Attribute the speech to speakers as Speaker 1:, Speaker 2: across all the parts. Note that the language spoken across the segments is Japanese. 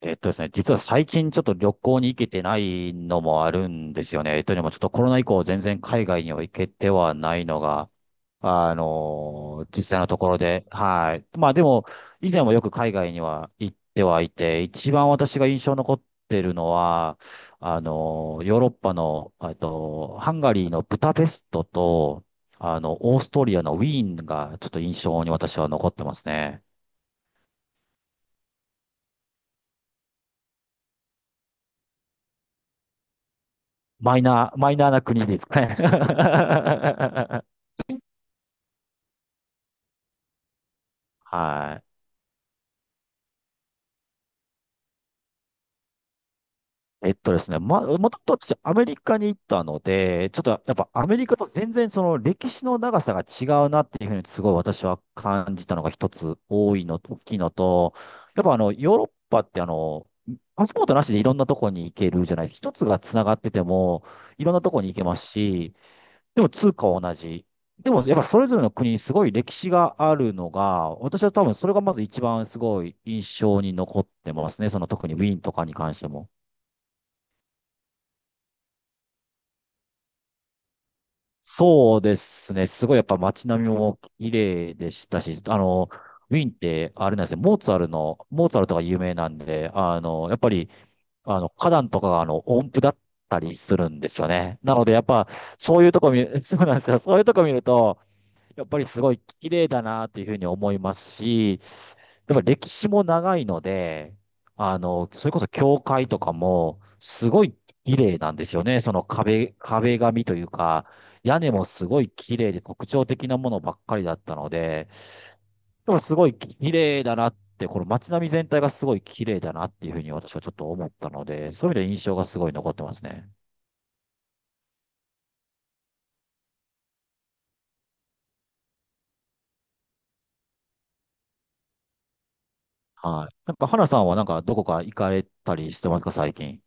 Speaker 1: えっとですね、実は最近ちょっと旅行に行けてないのもあるんですよね。というのもちょっとコロナ以降全然海外には行けてはないのが、実際のところで、はい。まあでも、以前もよく海外には行ってはいて、一番私が印象残ってるのは、ヨーロッパの、ハンガリーのブダペストと、オーストリアのウィーンがちょっと印象に私は残ってますね。マイナーな国ですかね。はい。えっとですね、ま、もともと私アメリカに行ったので、ちょっとやっぱアメリカと全然その歴史の長さが違うなっていうふうにすごい私は感じたのが一つ多いの、大きいのと、やっぱヨーロッパってパスポートなしでいろんなとこに行けるじゃない、一つがつながっててもいろんなとこに行けますし、でも通貨は同じ。でもやっぱそれぞれの国にすごい歴史があるのが、私は多分それがまず一番すごい印象に残ってますね。その特にウィーンとかに関しても。そうですね。すごいやっぱ街並みも綺麗でしたし、ウィーンってあれなんですね、モーツァルトが有名なんで、やっぱり、花壇とかが音符だったりするんですよね。なのでやっぱ、そういうとこ見る、そうなんですよ。そういうとこ見ると、やっぱりすごい綺麗だなっていうふうに思いますし、やっぱ歴史も長いので、それこそ教会とかもすごい綺麗なんですよね。その壁紙というか、屋根もすごい綺麗で特徴的なものばっかりだったので、でもすごい綺麗だなって、この街並み全体がすごい綺麗だなっていうふうに私はちょっと思ったので、そういう意味で印象がすごい残ってますね。はい。なんか、花さんはなんかどこか行かれたりしてますか、最近。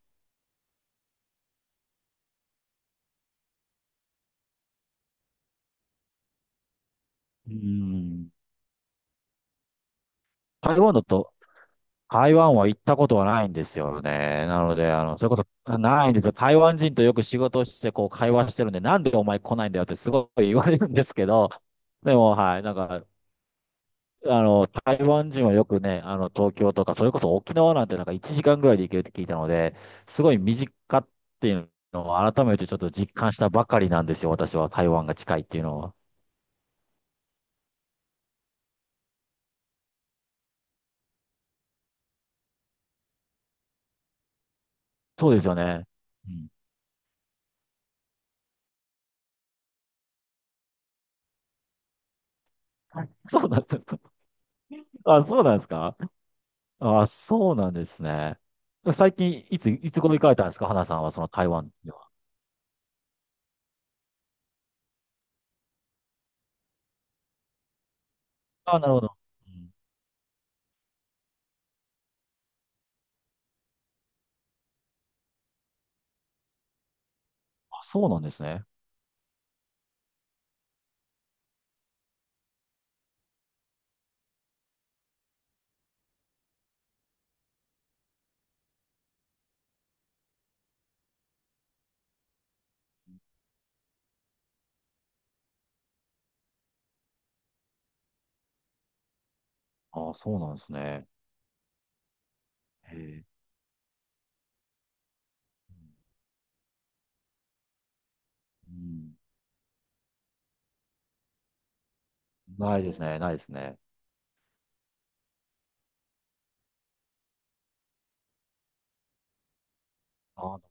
Speaker 1: うーん。台湾だと、台湾は行ったことはないんですよね。なので、そういうことないんですよ。台湾人とよく仕事をして、こう、会話してるんで、なんでお前来ないんだよってすごい言われるんですけど、でも、はい、なんか、台湾人はよくね、東京とか、それこそ沖縄なんてなんか1時間ぐらいで行けるって聞いたので、すごい身近っていうのを改めてちょっと実感したばかりなんですよ。私は台湾が近いっていうのは。そうですよね。うん。そうなんです。あ、そうなんですか？ああ、そうなんですね。最近、いつ頃行かれたんですか、花さんは、その台湾では。ああ、なるほど。うん。あ、そうなんですね。ああ、そうなんですね。へえ。うん、ないですね。ああ、な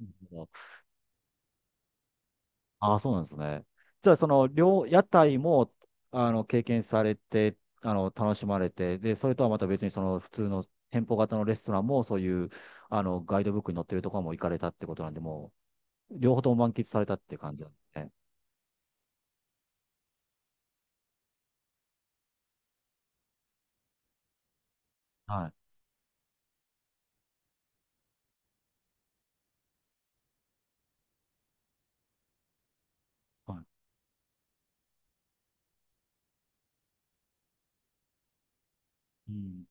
Speaker 1: るほど。ああそうなんですね。じゃあ、屋台も、経験されて、楽しまれて、で、それとはまた別に、その、普通の店舗型のレストランも、そういう、ガイドブックに載ってるところも行かれたってことなんで、もう、両方とも満喫されたって感じなんですね。はい。はい。うん。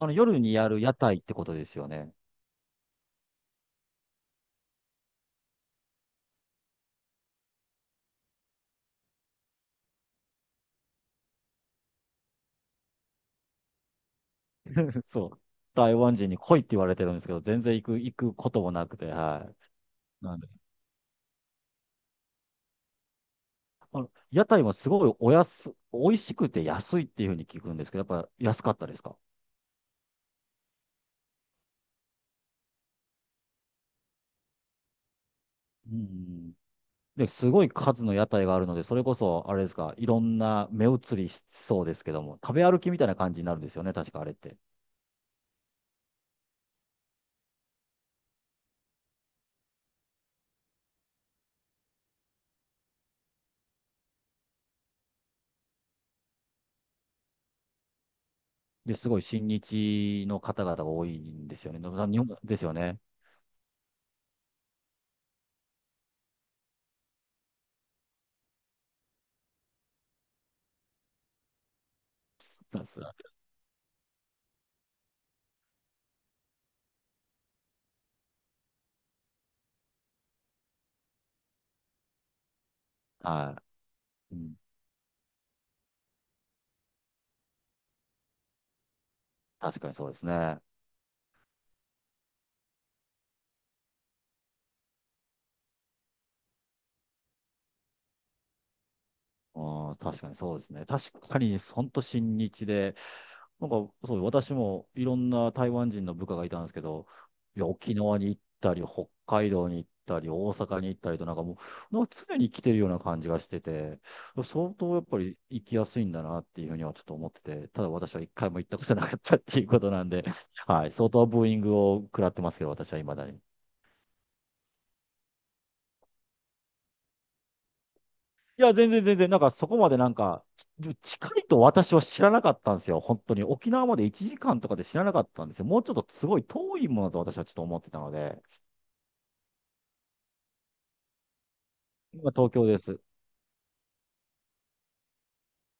Speaker 1: あの、夜にやる屋台ってことですよね。そう。台湾人に来いって言われてるんですけど、全然行く、行くこともなくて、はい。なんで。屋台もすごい美味しくて安いっていうふうに聞くんですけど、やっぱ安かったですか？うん。で、すごい数の屋台があるので、それこそ、あれですか、いろんな目移りしそうですけども、食べ歩きみたいな感じになるんですよね、確かあれって。で、すごい親日の方々が多いんですよね。日本ですよね。そうです。はい。うん、確かにそうですね。ああ、確かにそうですね。確かに、ほんと親日で、なんか、そう、私もいろんな台湾人の部下がいたんですけど、いや、沖縄に行ったり、北海道に行ったり、大阪に行ったりと、なんかもう、なんか常に来てるような感じがしてて、相当やっぱり行きやすいんだなっていうふうにはちょっと思ってて、ただ私は一回も行ったことなかったっていうことなんで、はい、相当ブーイングを食らってますけど、私は未だに。いや、全然全然、なんかそこまでなんか、近いと私は知らなかったんですよ。本当に。沖縄まで1時間とかで知らなかったんですよ。もうちょっとすごい遠いものだと私はちょっと思ってたので、今東京です。だ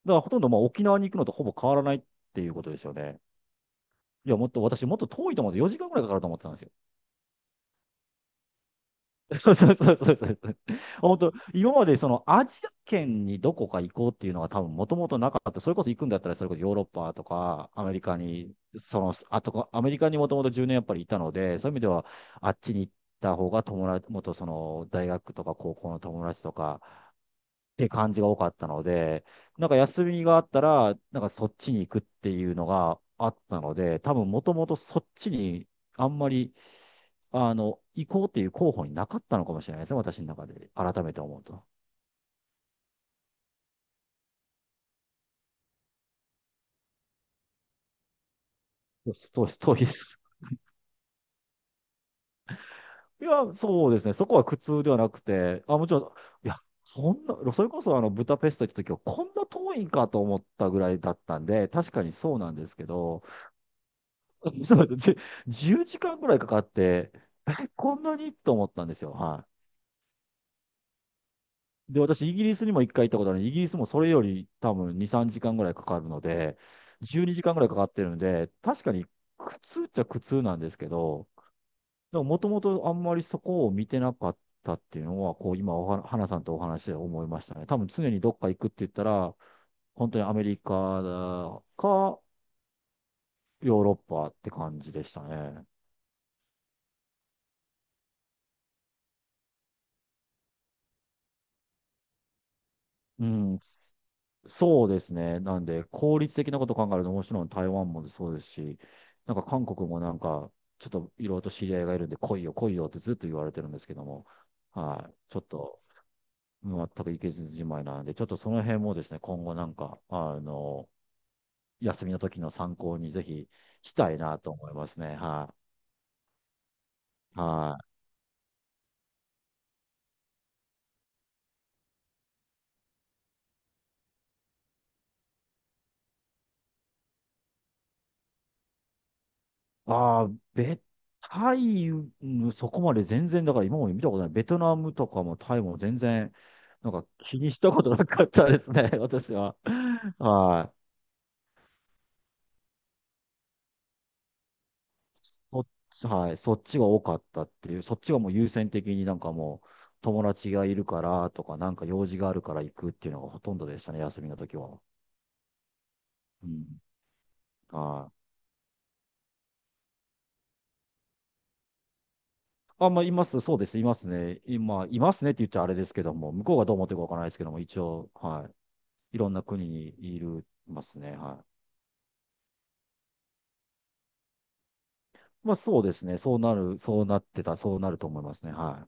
Speaker 1: からほとんどまあ沖縄に行くのとほぼ変わらないっていうことですよね。いや、もっと私もっと遠いと思って、4時間ぐらいかかると思ってたんですよ。そうそうそうそうそう。本当、今までそのアジア圏にどこか行こうっていうのは多分もともとなかった。それこそ行くんだったら、それこそヨーロッパとかアメリカに、その、あとこ、アメリカにもともと10年やっぱりいたので、そういう意味ではあっちに行った方が元その大学とか高校の友達とか、って感じが多かったので、なんか休みがあったら、なんかそっちに行くっていうのがあったので、多分もともとそっちにあんまり、行こうっていう候補になかったのかもしれないですね、私の中で。改めて思うと。そうそうです。いや、そうですね。そこは苦痛ではなくて、あ、もちろん、いや、そんな、それこそあの、ブダペスト行った時は、こんな遠いんかと思ったぐらいだったんで、確かにそうなんですけど、そうです。10時間ぐらいかかって、え、こんなにと思ったんですよ。はい。で、私、イギリスにも一回行ったことあるのでイギリスもそれより多分2、3時間ぐらいかかるので、12時間ぐらいかかってるので、確かに苦痛っちゃ苦痛なんですけど、でももともとあんまりそこを見てなかったっていうのは、こう、今おは、花さんとお話で思いましたね。多分常にどっか行くって言ったら、本当にアメリカか、ヨーロッパって感じでしたね。うん、そうですね。なんで、効率的なこと考えると、もちろん台湾もそうですし、なんか韓国もなんか、ちょっといろいろと知り合いがいるんで、来いよってずっと言われてるんですけども、はい、ちょっと、全く行けずじまいなので、ちょっとその辺もですね、今後なんか、休みの時の参考にぜひしたいなと思いますね。はい。はい。ああ、ベ、タイム、うんそこまで全然、だから今まで見たことない。ベトナムとかもタイも全然、なんか気にしたことなかったですね、私は。はい。はい。そっちが多かったっていう、そっちがもう優先的になんかもう、友達がいるからとか、なんか用事があるから行くっていうのがほとんどでしたね、休みの時は。うん。はい。あ、まあ、います。そうです。いますね。今、いますねって言っちゃあれですけども、向こうがどう思ってるかわからないですけども、一応、はい。いろんな国にいるますね。はい。まあそうですね。そうなる、そうなってた、そうなると思いますね。は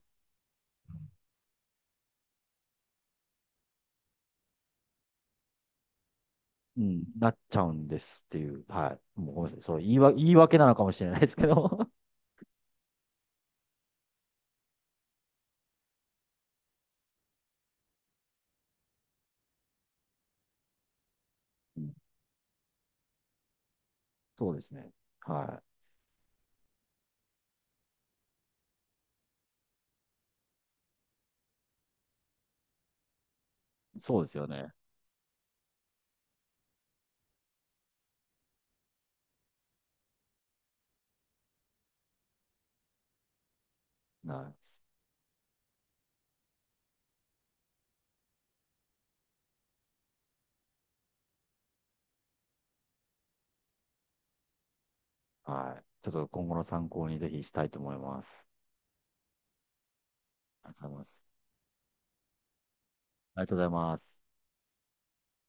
Speaker 1: い。うん、なっちゃうんですっていう。はい。もうごめんなさい。言い訳なのかもしれないですけど。うんそうですね。はい。そうですよね。はい。はい。ちょっと今後の参考にぜひしたいと思います。ありがとうございます。ありがとうございます。